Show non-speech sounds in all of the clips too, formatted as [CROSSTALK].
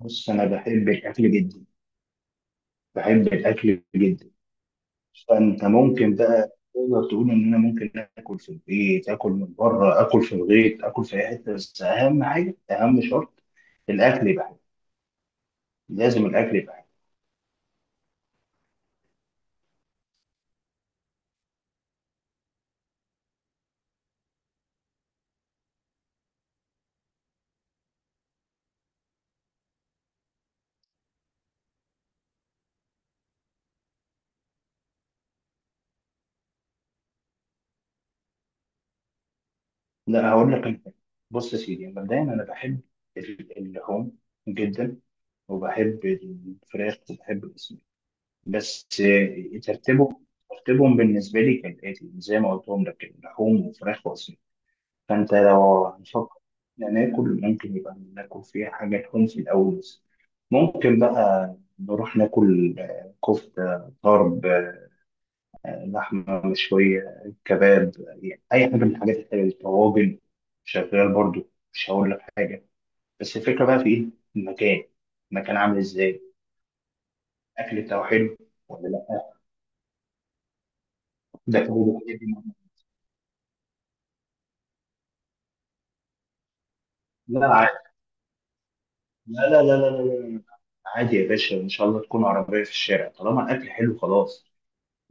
بص، انا بحب الاكل جدا. بحب الاكل جدا فانت ممكن بقى تقدر تقول ان انا ممكن اكل في البيت، اكل من بره، اكل في الغيط، اكل في اي حته. بس اهم حاجه، اهم شرط، الاكل يبقى حلو. لازم الاكل يبقى حلو لا هقول لك. انا بص يا سيدي، مبدئيا انا بحب اللحوم جدا، وبحب الفراخ وبحب الاسماك. بس ترتيبهم بالنسبه لي كالاتي زي ما قلتهم لك، لحوم وفراخ واسماك. فأنت لو هنفكر ناكل، ممكن يبقى ناكل فيها حاجة تكون في الأول بس. ممكن بقى نروح ناكل كفتة طرب، لحمة مشوية، كباب، يعني أي حاجة من الحاجات الحلوة دي. طواجن شغال برضو، مش هقول لك حاجة. بس الفكرة بقى في إيه؟ المكان. المكان عامل إزاي؟ أكل بتاعه حلو ولا لأ؟ ده كله، الحاجات دي مهمة. لا، عادي. لا، لا، لا، لا، لا، لا. لا. عادي يا باشا، إن شاء الله تكون عربية في الشارع، طالما الأكل حلو خلاص.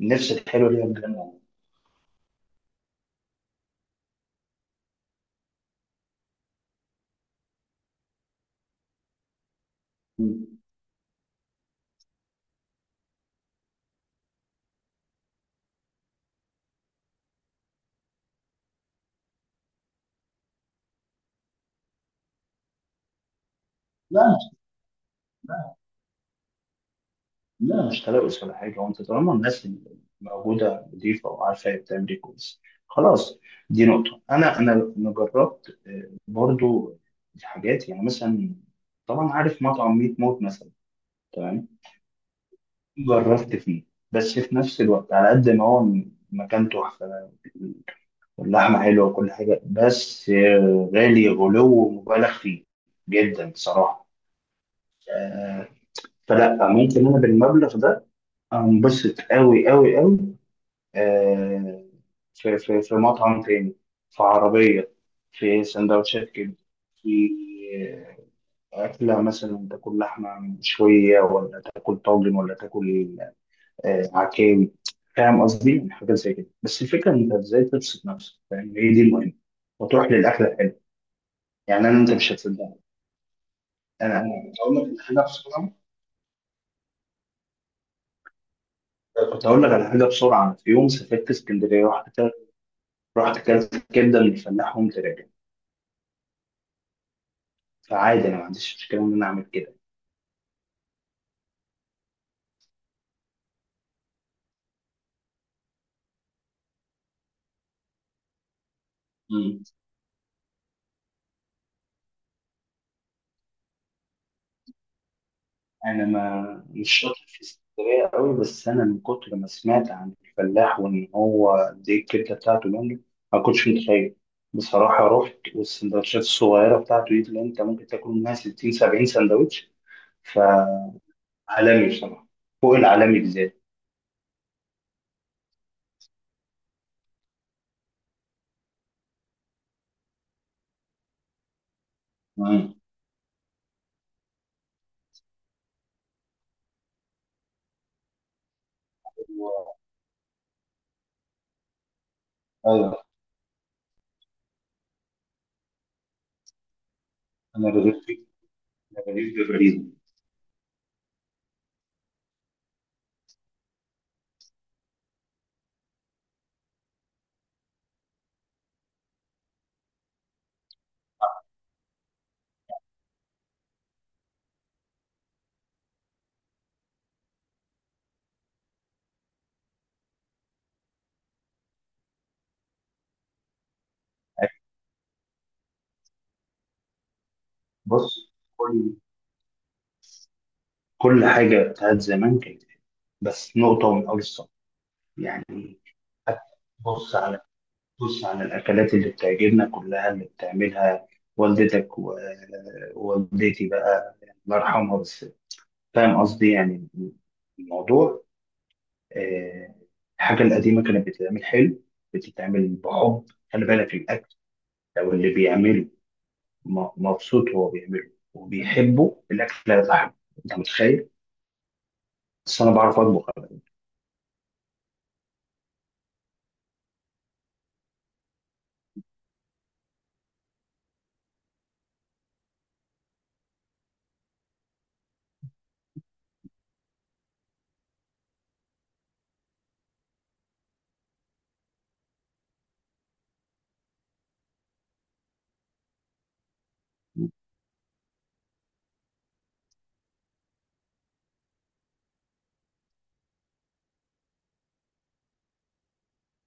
النفس الحلوه دي بجد يعني. مم. لا، مش، لا، لا مش تلوث ولا حاجه. وانت طالما الناس اللي موجوده نظيفه وعارفه هي بتعمل ايه كويس، خلاص. دي نقطه. انا أنا جربت، برضو، حاجات يعني. مثلا طبعا عارف مطعم ميت موت مثلا. تمام، جربت فيه. بس في نفس الوقت، على قد ما هو مكان تحفه واللحمه حلوه وكل حاجه، بس غالي، غلو مبالغ فيه جدا بصراحه. فلا ممكن انا بالمبلغ ده انبسط قوي قوي قوي. آه، في مطعم تاني، في عربية، في سندوتشات كده، في أكلة. مثلا تاكل لحمة مشوية، ولا تاكل طاجن، ولا تاكل عكاوي. فاهم قصدي؟ حاجات زي كده. بس الفكرة، إن أنت إزاي تبسط نفسك، فاهم؟ هي دي المهمة. وتروح للأكلة الحلوة. يعني أنا، أنت مش هتصدقني. أنا كنت أقول لك على حاجة بسرعة. كنت أقول لك على حاجة بسرعة. في يوم سافرت اسكندرية، رحت اكلت الكبده اللي الفلاح وقمت راجع. فعادي، انا ما عنديش مشكله ان انا اعمل كده. مم. انا ما مش شاطر في السفرية قوي، بس انا من كتر ما سمعت عن الفلاح وان هو دي الكبده بتاعته جامده، ما كنتش متخيل. بصراحه رحت، والسندوتشات الصغيره بتاعته دي اللي انت ممكن تاكل منها 60 70 سندوتش. فعالمي بصراحه، فوق العالمي بالذات. مم. و- ايوه، انا بدأت فيه. أنا بجيب جبريل. بص، كل حاجة بتاعت زمان كانت حلوة. بس نقطة من أول الصف يعني. بص على، بص على الأكلات اللي بتعجبنا كلها، اللي بتعملها والدتك ووالدتي بقى، الله يرحمها. بس فاهم قصدي يعني؟ الموضوع، آه، الحاجة القديمة كانت بتتعمل حلو، بتتعمل بحب. خلي بالك، الأكل لو اللي بيعمله مبسوط وهو بيعمله وبيحبه، الأكل هيطلع حلو. أنت متخيل؟ بس أنا بعرف أطبخ.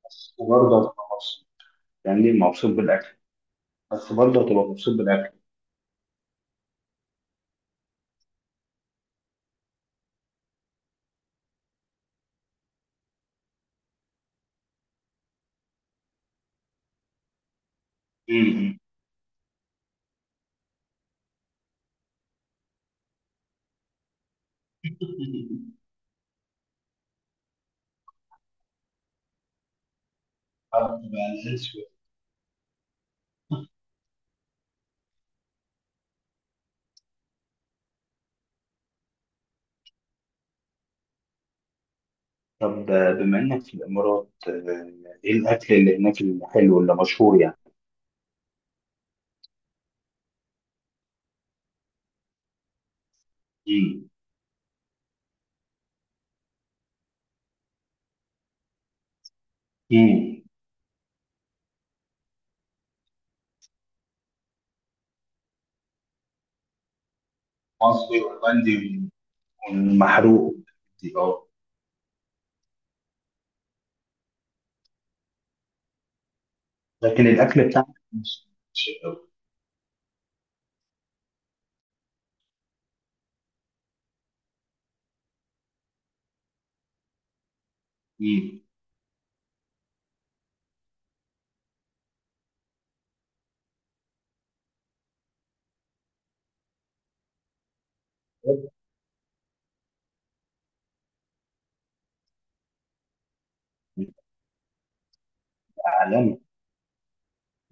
بس برضه هتبقى مبسوط، يعني مبسوط بالاكل. بس برضه هتبقى مبسوط بالاكل. امم. [LAUGHS] طب، طب بما انك في الامارات، ايه الاكل اللي هناك الحلو اللي مشهور يعني؟ امم. امم. مصري وهولندي. والمحروق. دي اه. لكن الاكل بتاعنا مش، مش قوي. امم. عالمي.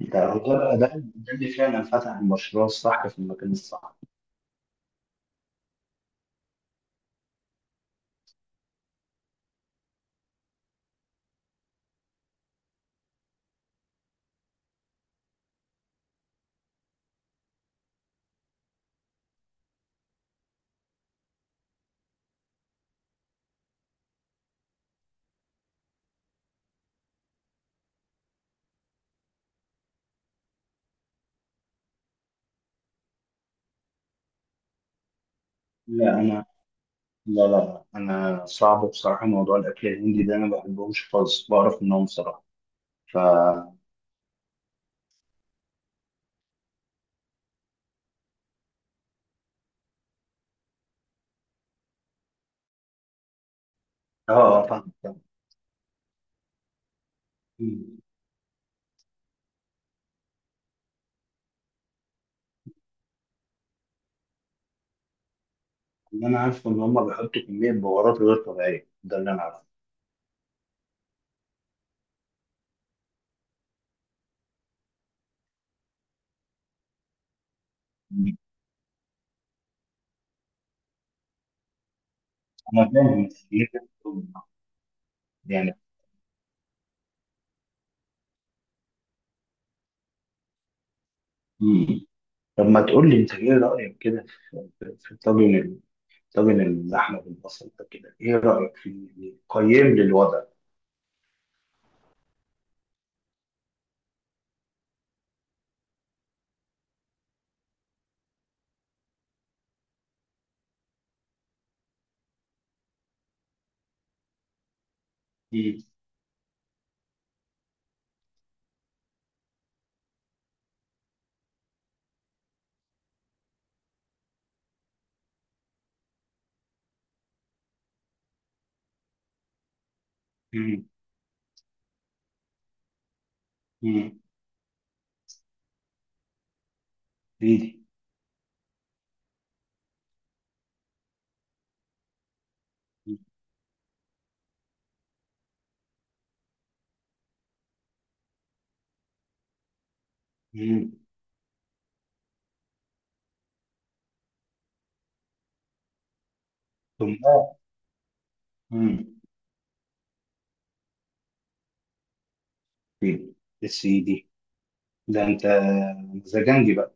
ده هو ده. ده اللي فعلا فتح المشروع الصح في المكان الصح. لا انا، لا لا، انا صعب بصراحه موضوع الاكل الهندي ده. انا ما بحبهمش خالص، بعرف منهم بصراحه. ف اه، فاهم فاهم. مم. اللي انا عارفه ان هم بيحطوا كميه بهارات غير طبيعيه، ده اللي انا عارفه. مم. انا فاهم يعني. مم. طب ما تقول لي انت ايه رايك كده في طاجن، طاجن اللحمه بالبصل ده كده، ايه رايك فيه؟ يعني قيم لي الوضع. مم. مم. مم. ايدي. مم. ثم. مم. إيدي. يا سيدي، ده انت مزاجنجي بقى.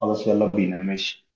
خلاص، يلا بينا. ماشي.